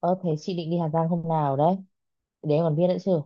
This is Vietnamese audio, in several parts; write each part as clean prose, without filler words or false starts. Ơ thế chị định đi Hà Giang hôm nào đấy? Để em còn biết nữa chứ.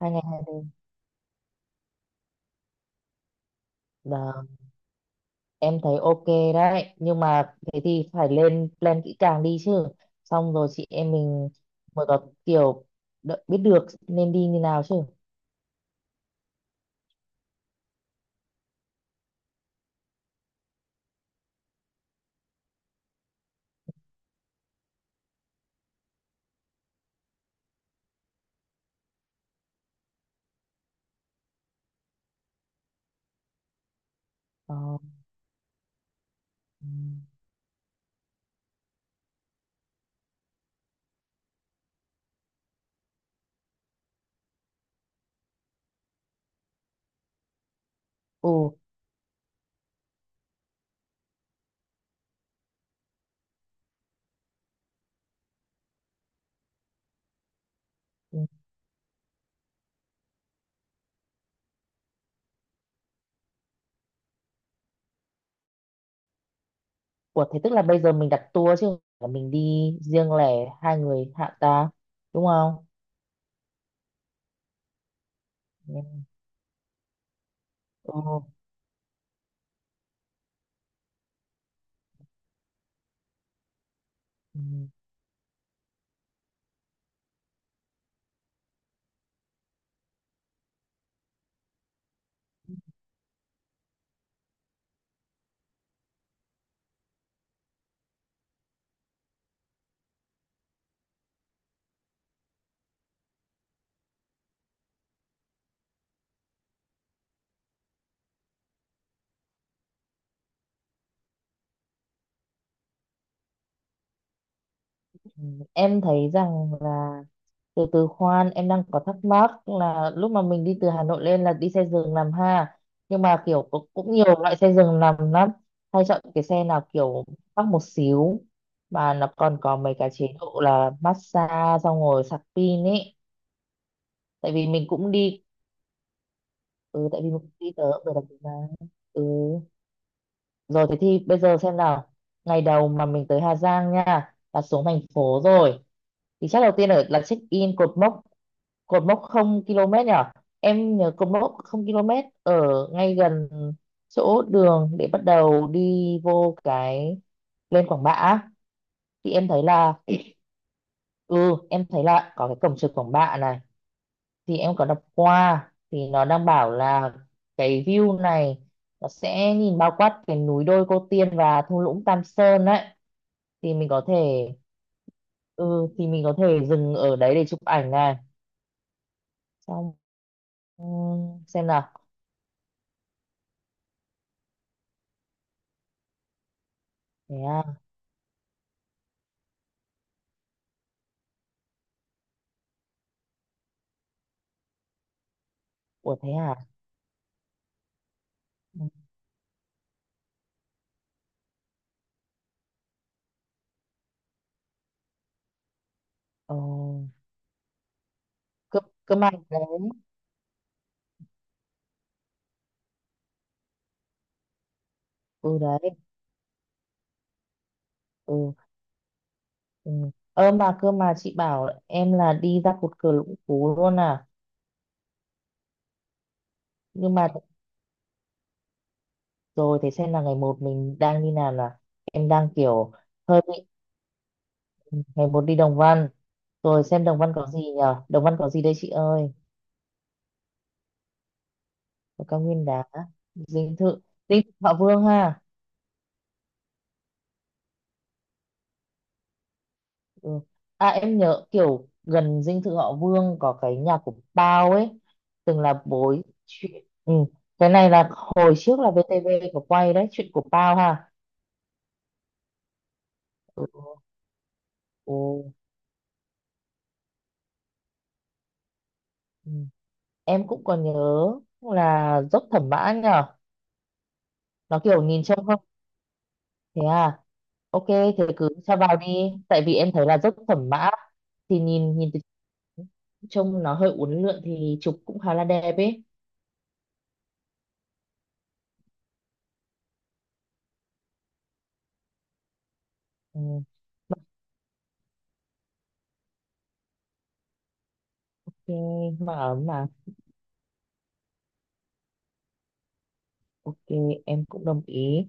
2 ngày 2 đêm. Là em thấy ok đấy. Nhưng mà thế thì phải lên plan kỹ càng đi chứ. Xong rồi chị em mình mới có kiểu biết được nên đi như nào chứ. Ờ. Ừm. Ừ. Ừm. Ủa thế tức là bây giờ mình đặt tour chứ, không phải là mình đi riêng lẻ 2 người hạ ta. Đúng không? Ừ. Ừ. Ừ. Em thấy rằng là từ từ khoan, em đang có thắc mắc là lúc mà mình đi từ Hà Nội lên là đi xe giường nằm ha, nhưng mà kiểu cũng nhiều loại xe giường nằm lắm. Hay chọn cái xe nào kiểu mắc một xíu mà nó còn có mấy cái chế độ là massage xong rồi sạc pin ấy, tại vì mình cũng đi. Tới được mà. ừ Rồi thế thì bây giờ xem nào. Ngày đầu mà mình tới Hà Giang nha là xuống thành phố rồi thì chắc đầu tiên ở là check in cột mốc, cột mốc không km nhỉ. Em nhớ cột mốc không km ở ngay gần chỗ đường để bắt đầu đi vô cái lên Quảng Bạ á. Thì em thấy là, ừ em thấy là có cái cổng trường Quảng Bạ này, thì em có đọc qua thì nó đang bảo là cái view này nó sẽ nhìn bao quát cái núi đôi Cô Tiên và thung lũng Tam Sơn đấy. Thì mình có thể, ừ thì mình có thể dừng ở đấy để chụp ảnh này xong. Ừ, xem nào. Thế à? Ủa, thế à? Ừ. Ờ, cơ cơ mà đấy. Ừ đấy. Ừ, ừ. Ơ mà cơ mà chị bảo em là đi ra cột cờ Lũng Cú luôn à? Nhưng mà rồi thế xem là ngày một mình đang đi nào. Là em đang kiểu hơi bị, ngày một đi Đồng Văn. Rồi xem Đồng Văn có gì nhở. Đồng Văn có gì đây chị ơi? Có cao nguyên đá, dinh thự, dinh thự Thọ Vương ha. Ừ. À em nhớ kiểu gần dinh thự họ Vương có cái nhà của Bao ấy, từng là bối chuyện. Ừ, cái này là hồi trước là VTV có quay đấy, chuyện của Bao ha. Ừ. Ừ. Ừ. Em cũng còn nhớ là dốc Thẩm Mã nhở. Nó kiểu nhìn trông không. Thế à? Ok thế cứ cho vào đi, tại vì em thấy là dốc Thẩm Mã thì nhìn nhìn từ trông nó hơi uốn lượn thì chụp cũng khá là đẹp ấy. Ừ. Thì mà ấm mà. Ok, em cũng đồng ý.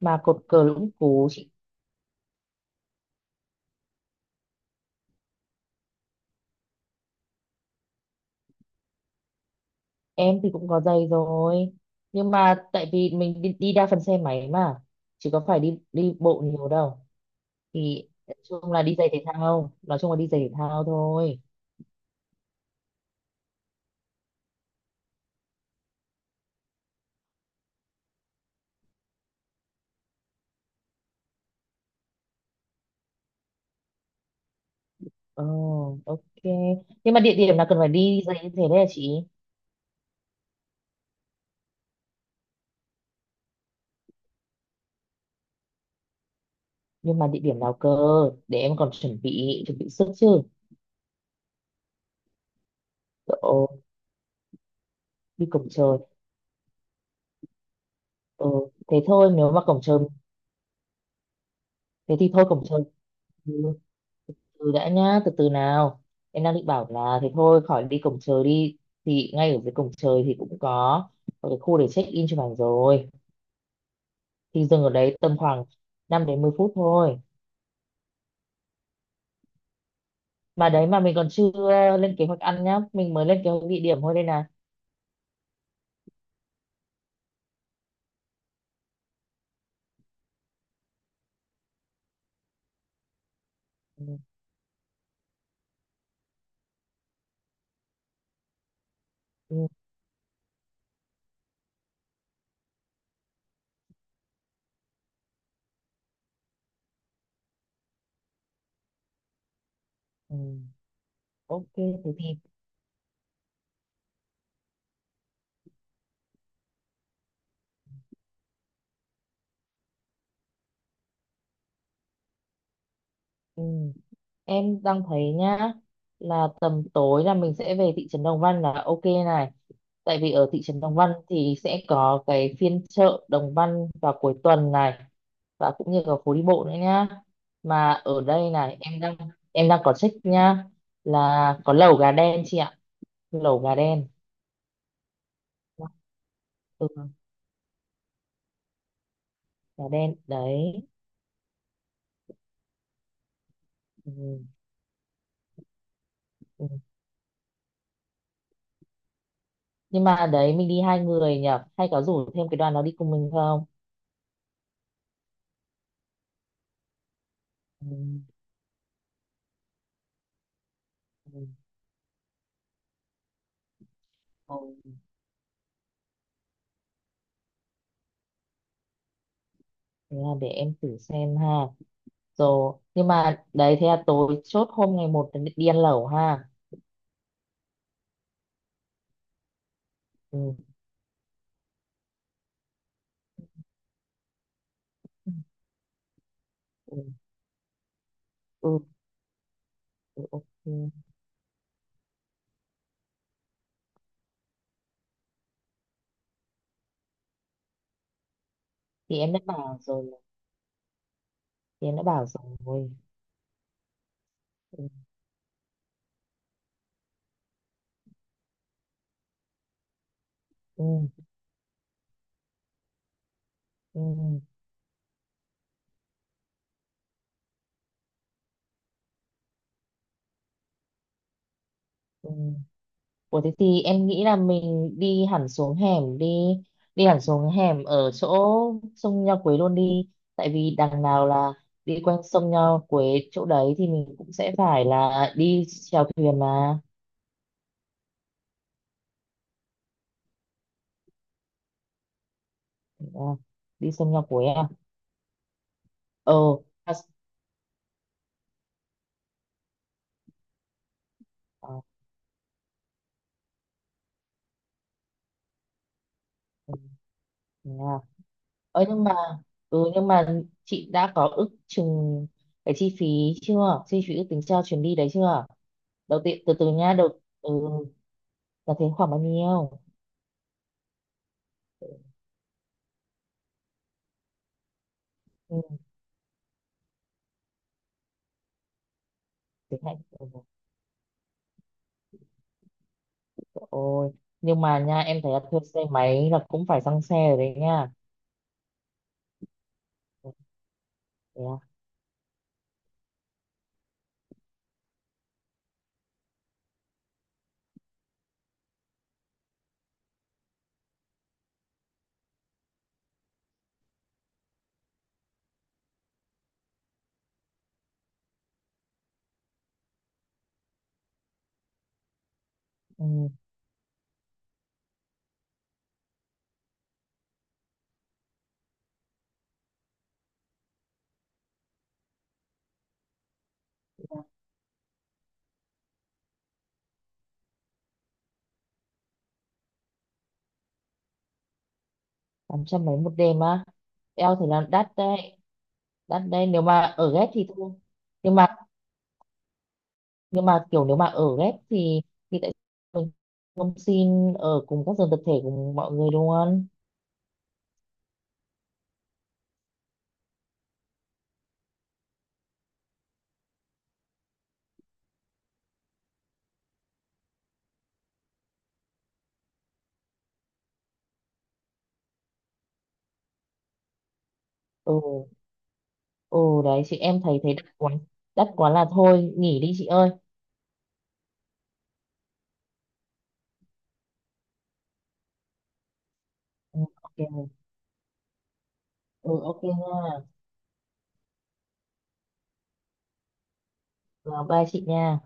Mà cột cờ Lũng Cú, chị. Em thì cũng có giày rồi. Nhưng mà tại vì mình đi đa phần xe máy mà, chứ có phải đi đi bộ nhiều đâu. Thì nói chung là đi giày thể thao, nói chung là đi giày thể thao thôi. Ờ, ok. Nhưng mà địa điểm nào cần phải đi giày như thế đấy hả chị? Nhưng mà địa điểm nào cơ? Để em còn chuẩn bị sức chứ. Ồ, đi cổng trời. Ờ, thế thôi, nếu mà cổng trời, thế thì thôi cổng trời. Ừ, từ đã nhá, từ từ nào. Em đang định bảo là thế thôi khỏi đi cổng trời đi, thì ngay ở dưới cổng trời thì cũng có một cái khu để check in chụp ảnh rồi, thì dừng ở đấy tầm khoảng 5 đến 10 phút thôi. Mà đấy, mà mình còn chưa lên kế hoạch ăn nhá, mình mới lên kế hoạch địa điểm thôi đây nè. Ừ, ừ, ừ. Ok thế thì. Ừ. Em đang thấy nhá là tầm tối là mình sẽ về thị trấn Đồng Văn là ok này, tại vì ở thị trấn Đồng Văn thì sẽ có cái phiên chợ Đồng Văn vào cuối tuần này và cũng như là phố đi bộ nữa nhá. Mà ở đây này em đang có check nhá là có lẩu gà đen chị ạ, lẩu gà đen. Ừ, gà đen đấy. Ừ, ừ. Nhưng mà đấy mình đi 2 người nhỉ, hay có rủ thêm cái đoàn nó đi cùng mình không. Ừ, ừ, ừ. Thế là để em thử xem ha, rồi nhưng mà đấy thế là tối chốt hôm ngày một là đi ăn lẩu ha. Ừ. Ừ. Ừ. Ừ, ok. Thì em đã bảo rồi. Thì em đã bảo rồi. Ừ. Ừ, ừ, ừ. Ủa thế thì em nghĩ là mình đi hẳn xuống hẻm đi, đi hẳn xuống hẻm ở chỗ sông Nho Quế luôn đi, tại vì đằng nào là đi quanh sông Nho Quế, chỗ đấy thì mình cũng sẽ phải là đi chèo thuyền mà. Ờ, đi sông Nho Quế à? Ờ, à, ờ, ừ, thế à. Ờ, nhưng mà, ừ, nhưng mà chị đã có ước chừng cái chi phí chưa, chi phí ước tính cho chuyến đi đấy chưa? Đầu tiên từ từ nha, đầu, ừ, là tiền khoảng bao nhiêu? Ừ, tiếng Anh. Ừ, trời ơi. Nhưng mà nha em thấy là thuê xe máy là cũng phải xăng xe rồi đấy nha. Ừ, thế à? Ừ, 800 mấy một đêm á? Eo thì là đắt đấy, đắt đấy. Nếu mà ở ghép thì thôi. Nhưng mà nhưng mà kiểu nếu mà ở ghép thì tại sao mình không xin ở cùng các giường tập thể cùng mọi người luôn. Ừ. Ừ đấy chị, em thấy thấy đắt quá. Đắt quá là thôi nghỉ đi chị ơi. Ừ, ok. Ừ ok nha. Rồi bye chị nha.